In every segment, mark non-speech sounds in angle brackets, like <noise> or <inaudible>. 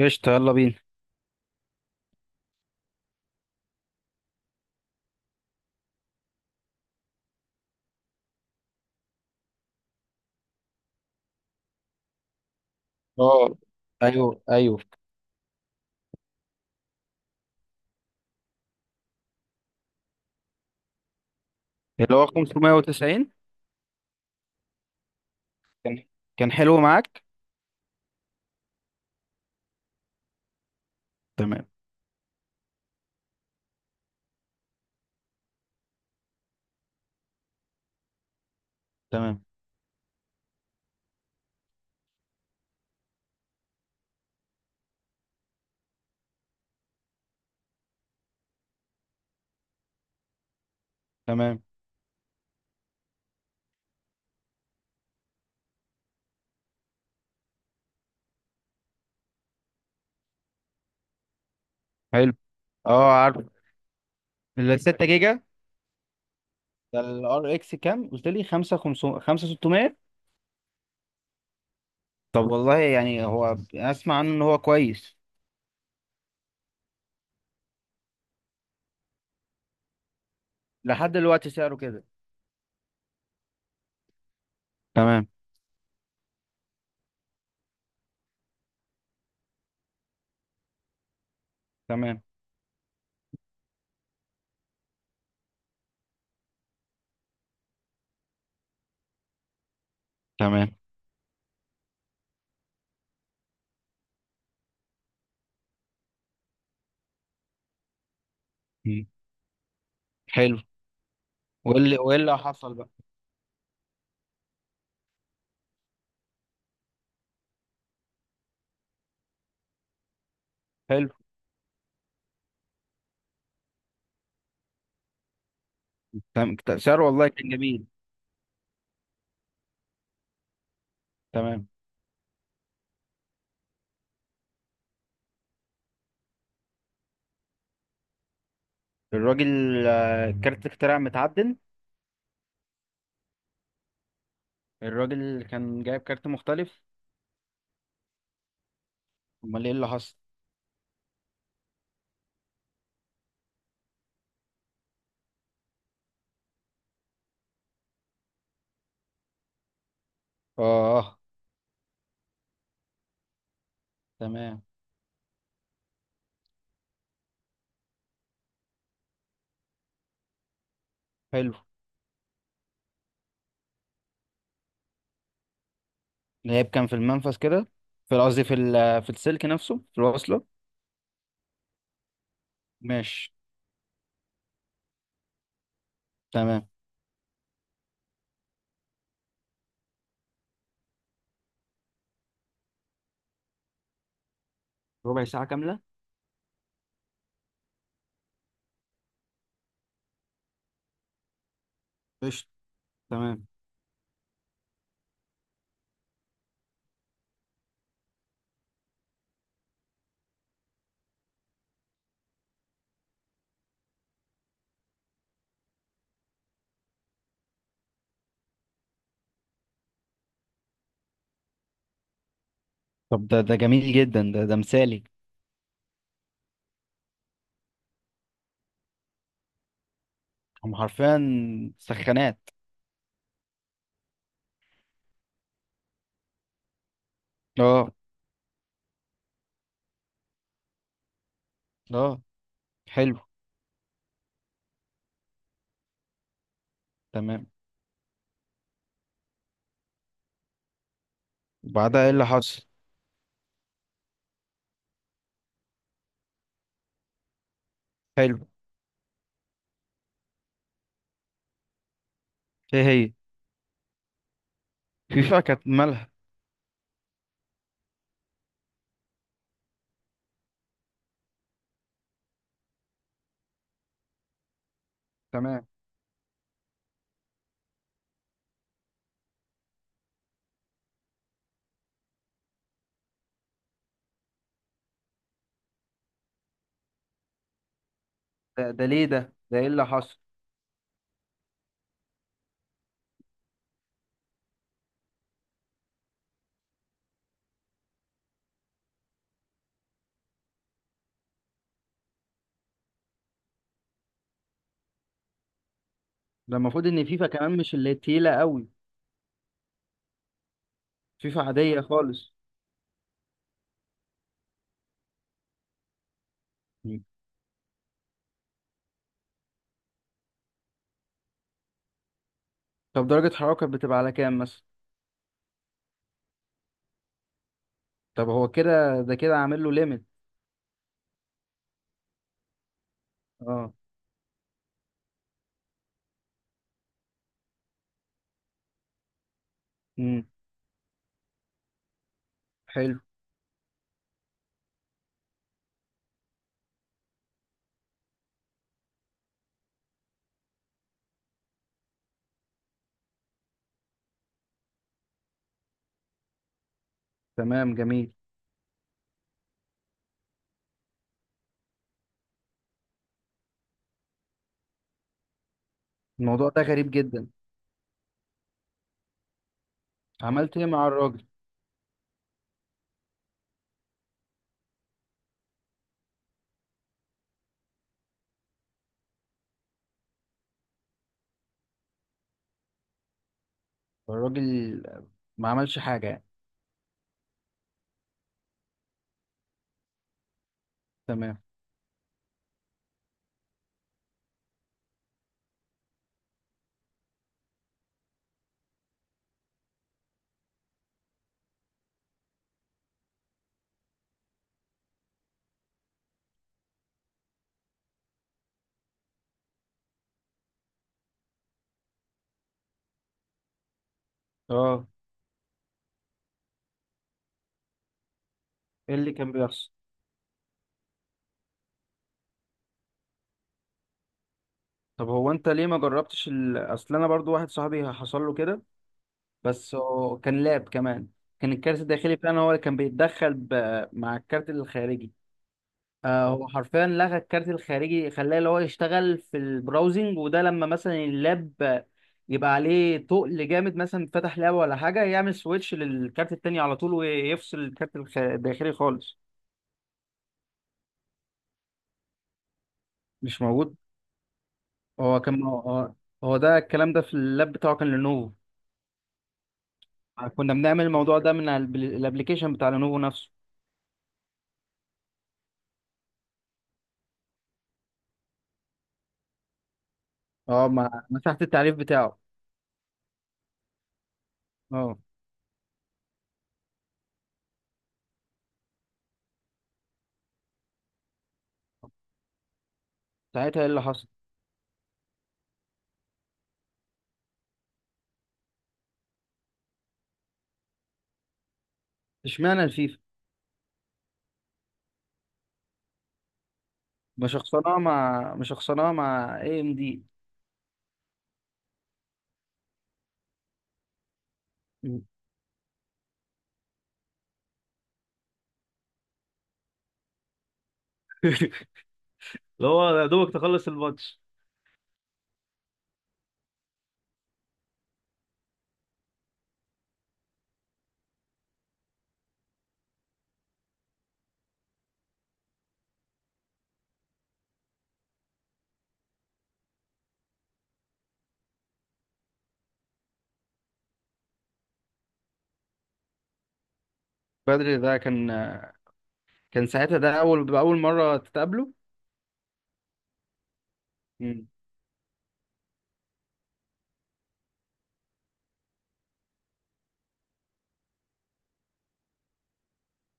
قشطة، يلا بينا. اه، ايوه، ايوه. اللي هو 590. كان كان حلو معاك. تمام، تمام، تمام. حلو. اه، عارف. ال 6 جيجا ده. الار اكس كام قلت لي؟ 5 500، 5 600؟ طب والله، يعني هو اسمع عنه ان هو كويس. لحد دلوقتي سعره كده؟ تمام، تمام، تمام. مم. حلو. وايه اللي حصل بقى؟ حلو. تمام، سعره والله كان جميل. تمام. الراجل، كارت اختراع متعدل؟ الراجل كان جايب كارت مختلف؟ امال ايه اللي حصل؟ اه، تمام، حلو. اللي كان في المنفذ كده، في، قصدي، في السلك نفسه، في الوصله؟ ماشي. تمام. ربع ساعة كامله؟ قشطة، تمام. طب، ده جميل جدا، ده مثالي. هم حرفيا سخانات. اه، اه. حلو. تمام. وبعدها ايه اللي حصل؟ حلو. ايه هي؟ فيفا كانت مالها؟ تمام. ده ليه؟ ده ايه اللي حصل؟ ده المفروض ان فيفا كمان مش اللي تقيله قوي. فيفا عاديه خالص. مم. طب، درجه حرارة كانت بتبقى على كام مثلا؟ طب هو كده، ده كده عامل له ليميت؟ اه. امم. حلو. تمام، جميل. الموضوع ده غريب جدا. عملت ايه مع الراجل؟ الراجل ما عملش حاجه يعني؟ تمام. اه، ايه اللي كان بيحصل؟ طب هو انت ليه ما جربتش اصل انا برضو واحد صاحبي حصل له كده. بس هو كان لاب كمان. كان الكارت الداخلي فعلا هو اللي كان بيتدخل مع الكارت الخارجي. هو حرفيا لغى الكارت الخارجي، خلاه اللي هو يشتغل في البراوزنج، وده لما مثلا اللاب يبقى عليه تقل جامد، مثلا فتح لاب ولا حاجة، يعمل سويتش للكارت التاني على طول ويفصل الكارت الداخلي خالص. مش موجود. هو كان هو هو ده الكلام ده في اللاب بتاعه كان لينوفو. كنا بنعمل الموضوع ده من الابلكيشن بتاع لينوفو نفسه. اه، مسحت التعريف بتاعه؟ اه. ساعتها ايه اللي حصل؟ اشمعنى الفيفا؟ مش خسرناها مع اي ام دي؟ <laughs> اللي هو يا دوبك تخلص الماتش. بدري ده كان ساعتها ده اول باول مره تتقابله؟ مم.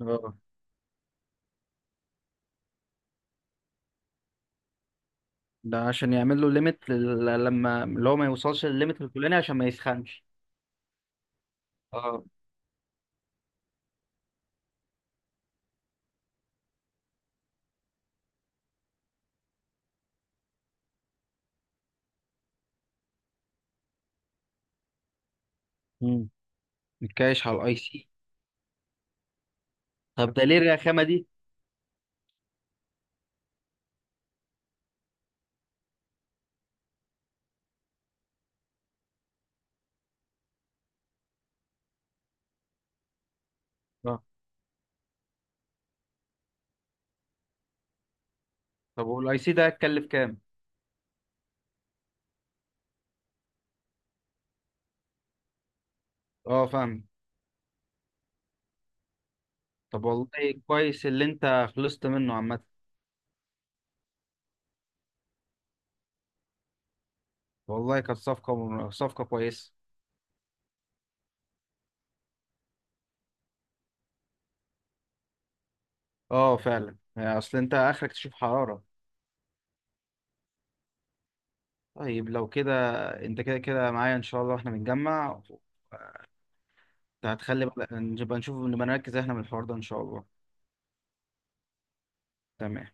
اه، ده عشان يعمل له ليميت لما اللي هو ما يوصلش للليميت الفلاني عشان ما يسخنش. اه، امم. متكايش على الاي سي. طب ده ليه الرخامه دي؟ اه، طب والاي سي ده هيتكلف كام؟ اه، فاهم. طب والله، كويس اللي انت خلصت منه عامه. والله كانت صفقه كويسه. اه، فعلا، يعني اصل انت اخرك تشوف حراره. طيب لو كده، انت كده كده معايا ان شاء الله، احنا بنتجمع. هتخلي بقى نبقى نشوف، نبقى نركز احنا من الحوار ده ان شاء الله. تمام.